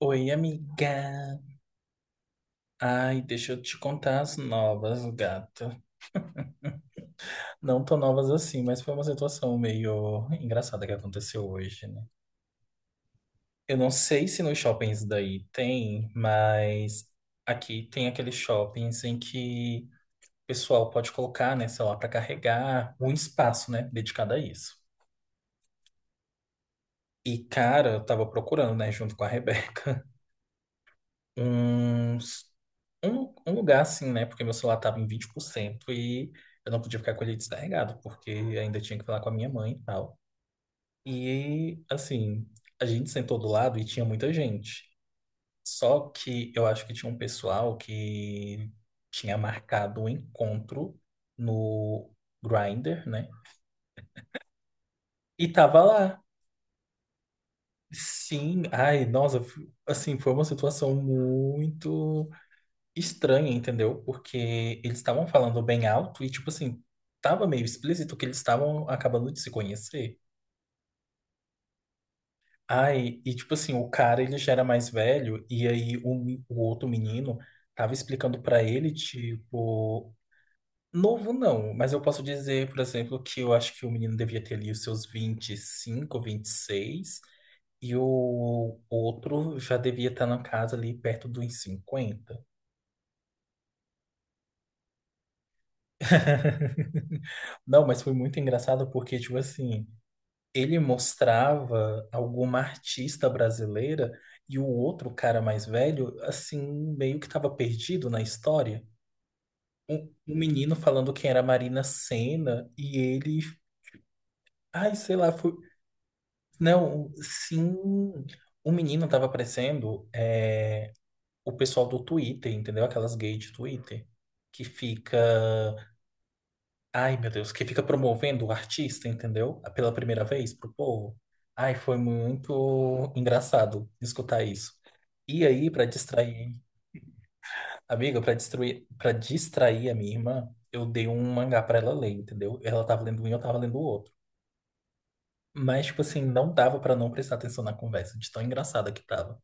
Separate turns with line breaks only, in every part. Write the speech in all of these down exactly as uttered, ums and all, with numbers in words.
Oi, amiga. Ai, deixa eu te contar as novas, gata. Não tão novas assim, mas foi uma situação meio engraçada que aconteceu hoje, né? Eu não sei se nos shoppings daí tem, mas aqui tem aqueles shoppings em que o pessoal pode colocar, né, sei lá, pra carregar um espaço, né, dedicado a isso. E, cara, eu tava procurando, né, junto com a Rebeca. um um, um lugar assim, né? Porque meu celular tava em vinte por cento e eu não podia ficar com ele descarregado, porque ainda tinha que falar com a minha mãe e tal. E assim, a gente sentou do lado e tinha muita gente. Só que eu acho que tinha um pessoal que tinha marcado um encontro no Grindr, né? E tava lá. Sim, ai, nossa, f- assim, foi uma situação muito estranha, entendeu? Porque eles estavam falando bem alto e, tipo assim, tava meio explícito que eles estavam acabando de se conhecer. Ai, e tipo assim, o cara ele já era mais velho e aí o, me- o outro menino tava explicando pra ele, tipo, novo não, mas eu posso dizer, por exemplo, que eu acho que o menino devia ter ali os seus vinte e cinco, vinte e seis e o outro já devia estar na casa ali perto dos cinquenta. Não, mas foi muito engraçado porque, tipo assim, ele mostrava alguma artista brasileira e o outro cara mais velho, assim, meio que tava perdido na história. Um, um menino falando quem era Marina Senna e ele, ai, sei lá, foi. Não, sim, o menino tava aparecendo é, o pessoal do Twitter, entendeu? Aquelas gays de Twitter que fica. Ai, meu Deus, que fica promovendo o artista, entendeu? Pela primeira vez pro povo. Ai, foi muito engraçado escutar isso. E aí, pra distrair, amiga, pra destruir, para distrair a minha irmã, eu dei um mangá pra ela ler, entendeu? Ela tava lendo um e eu tava lendo o outro. Mas, tipo assim, não dava pra não prestar atenção na conversa, de tão engraçada que tava.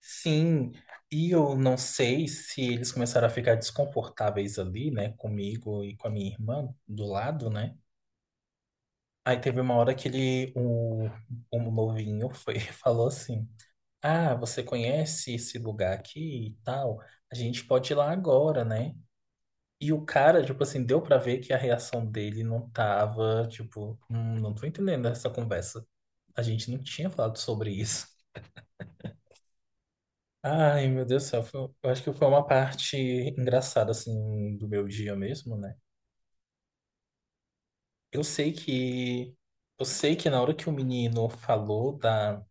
Sim, e eu não sei se eles começaram a ficar desconfortáveis ali, né, comigo e com a minha irmã do lado, né? Aí teve uma hora que ele, o, o novinho foi, falou assim: Ah, você conhece esse lugar aqui e tal? A gente pode ir lá agora, né? E o cara, tipo assim, deu pra ver que a reação dele não tava, tipo, "Hum, não tô entendendo essa conversa. A gente não tinha falado sobre isso." Ai, meu Deus do céu, foi- eu acho que foi uma parte engraçada, assim, do meu dia mesmo, né? Eu sei que, eu sei que na hora que o menino falou da...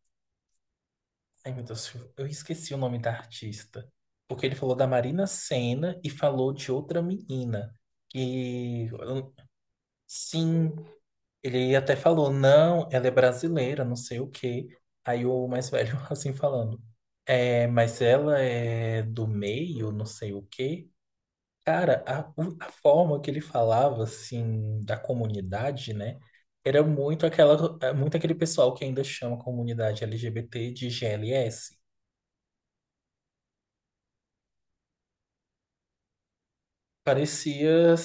Ai, meu Deus, eu esqueci o nome da artista. Porque ele falou da Marina Senna e falou de outra menina. E sim, ele até falou, não, ela é brasileira, não sei o quê. Aí o mais velho assim falando. É, mas ela é do meio, não sei o quê. Cara, a, o- a forma que ele falava, assim, da comunidade, né? Era muito aquela, é, muito aquele pessoal que ainda chama a comunidade L G B T de G L S. Parecia,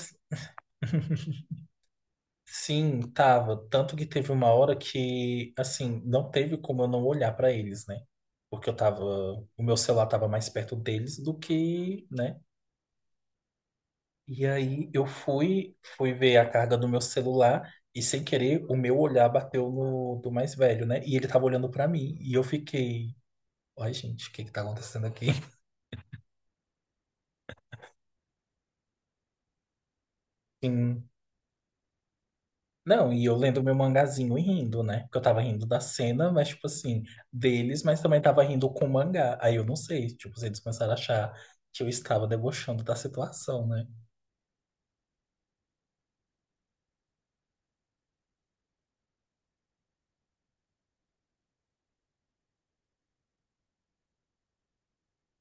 sim, tava. Tanto que teve uma hora que, assim, não teve como eu não olhar pra eles, né? Porque eu tava, o meu celular tava mais perto deles do que, né? E aí eu fui, fui ver a carga do meu celular e sem querer o meu olhar bateu no do mais velho, né? E ele tava olhando pra mim e eu fiquei, ai, gente, o que que tá acontecendo aqui? Sim. Não, e eu lendo meu mangazinho e rindo, né? Porque eu tava rindo da cena, mas, tipo assim, deles, mas também tava rindo com o mangá. Aí eu não sei, tipo, se eles começaram a achar que eu estava debochando da situação, né?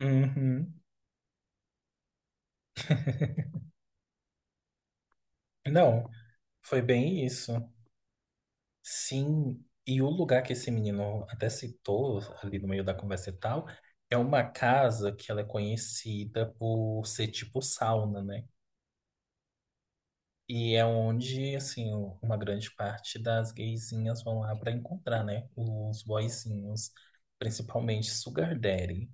Uhum. Não, foi bem isso. Sim, e o lugar que esse menino até citou ali no meio da conversa e tal, é uma casa que ela é conhecida por ser tipo sauna, né? E é onde, assim, o- uma grande parte das gaysinhas vão lá pra encontrar, né? Os boyzinhos, principalmente Sugar Daddy.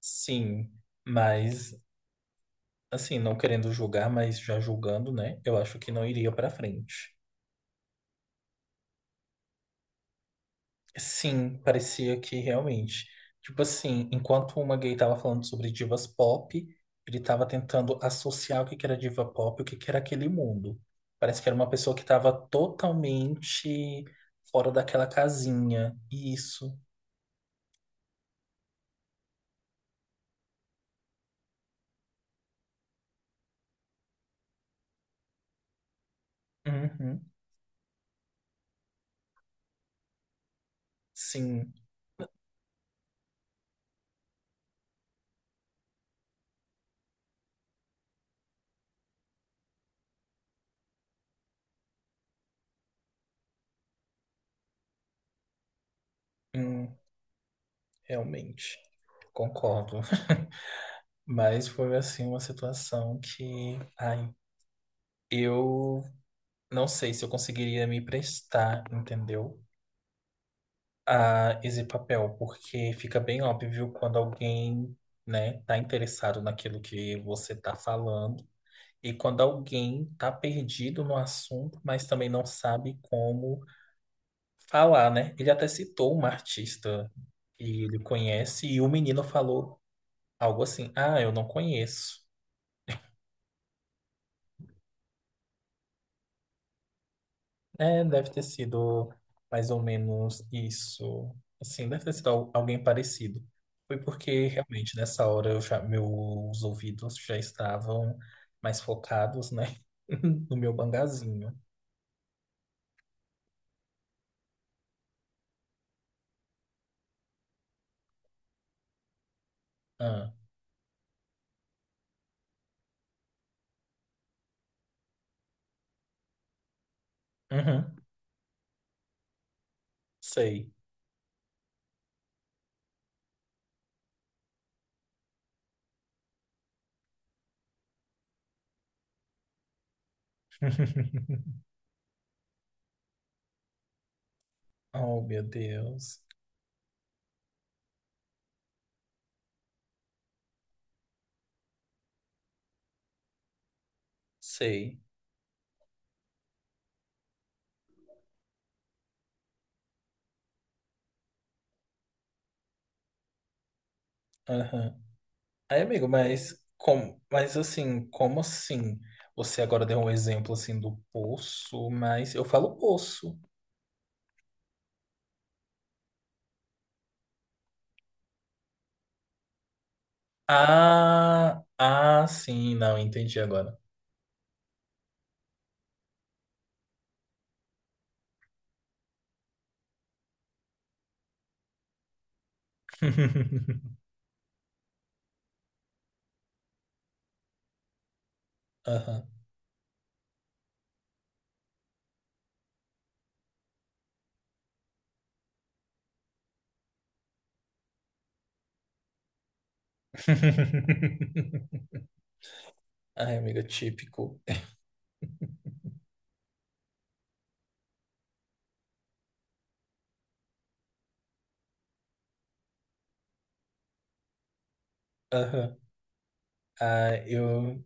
Sim, mas, assim, não querendo julgar, mas já julgando, né? Eu acho que não iria pra frente. Sim, parecia que realmente. Tipo assim, enquanto uma gay tava falando sobre divas pop, ele tava tentando associar o que que era diva pop e o que que era aquele mundo. Parece que era uma pessoa que tava totalmente fora daquela casinha. Isso. Uhum. Sim, hum, realmente. Concordo. Mas foi assim uma situação que, ai, eu não sei se eu conseguiria me prestar, entendeu? A esse papel, porque fica bem óbvio quando alguém, né, tá interessado naquilo que você tá falando e quando alguém tá perdido no assunto, mas também não sabe como falar, né? Ele até citou uma artista que ele conhece e o menino falou algo assim: "Ah, eu não conheço". É, deve ter sido mais ou menos isso. Assim, deve ter sido al- alguém parecido. Foi porque realmente nessa hora eu já, meus ouvidos já estavam mais focados, né? No meu bangazinho. Ah, uhum, sei. Oh, meu Deus. Sei. Aham. Aí, amigo, mas como, mas assim, como assim? Você agora deu um exemplo assim do poço, mas eu falo poço. Ah, ah, sim, não, entendi agora. Aham. Ai, amigo, típico. Aham. Ah, eu.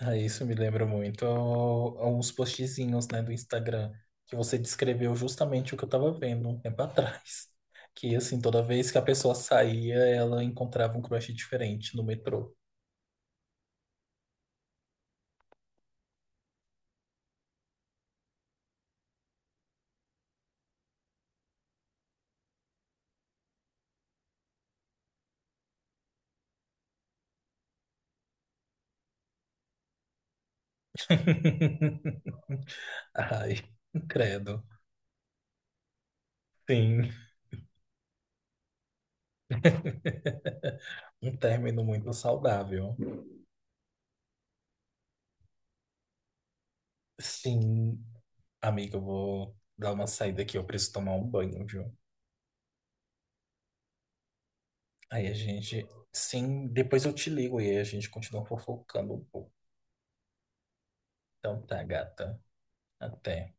Ah, isso me lembra muito uns postzinhos, né, do Instagram, que você descreveu justamente o que eu tava vendo um tempo atrás. Que, assim, toda vez que a pessoa saía, ela encontrava um crush diferente no metrô. Ai, credo. Sim. Um término muito saudável. Sim, amiga, eu vou dar uma saída aqui, eu preciso tomar um banho, viu? Aí a gente. Sim, depois eu te ligo e aí a gente continua fofocando um pouco. Então tá, gata. Até.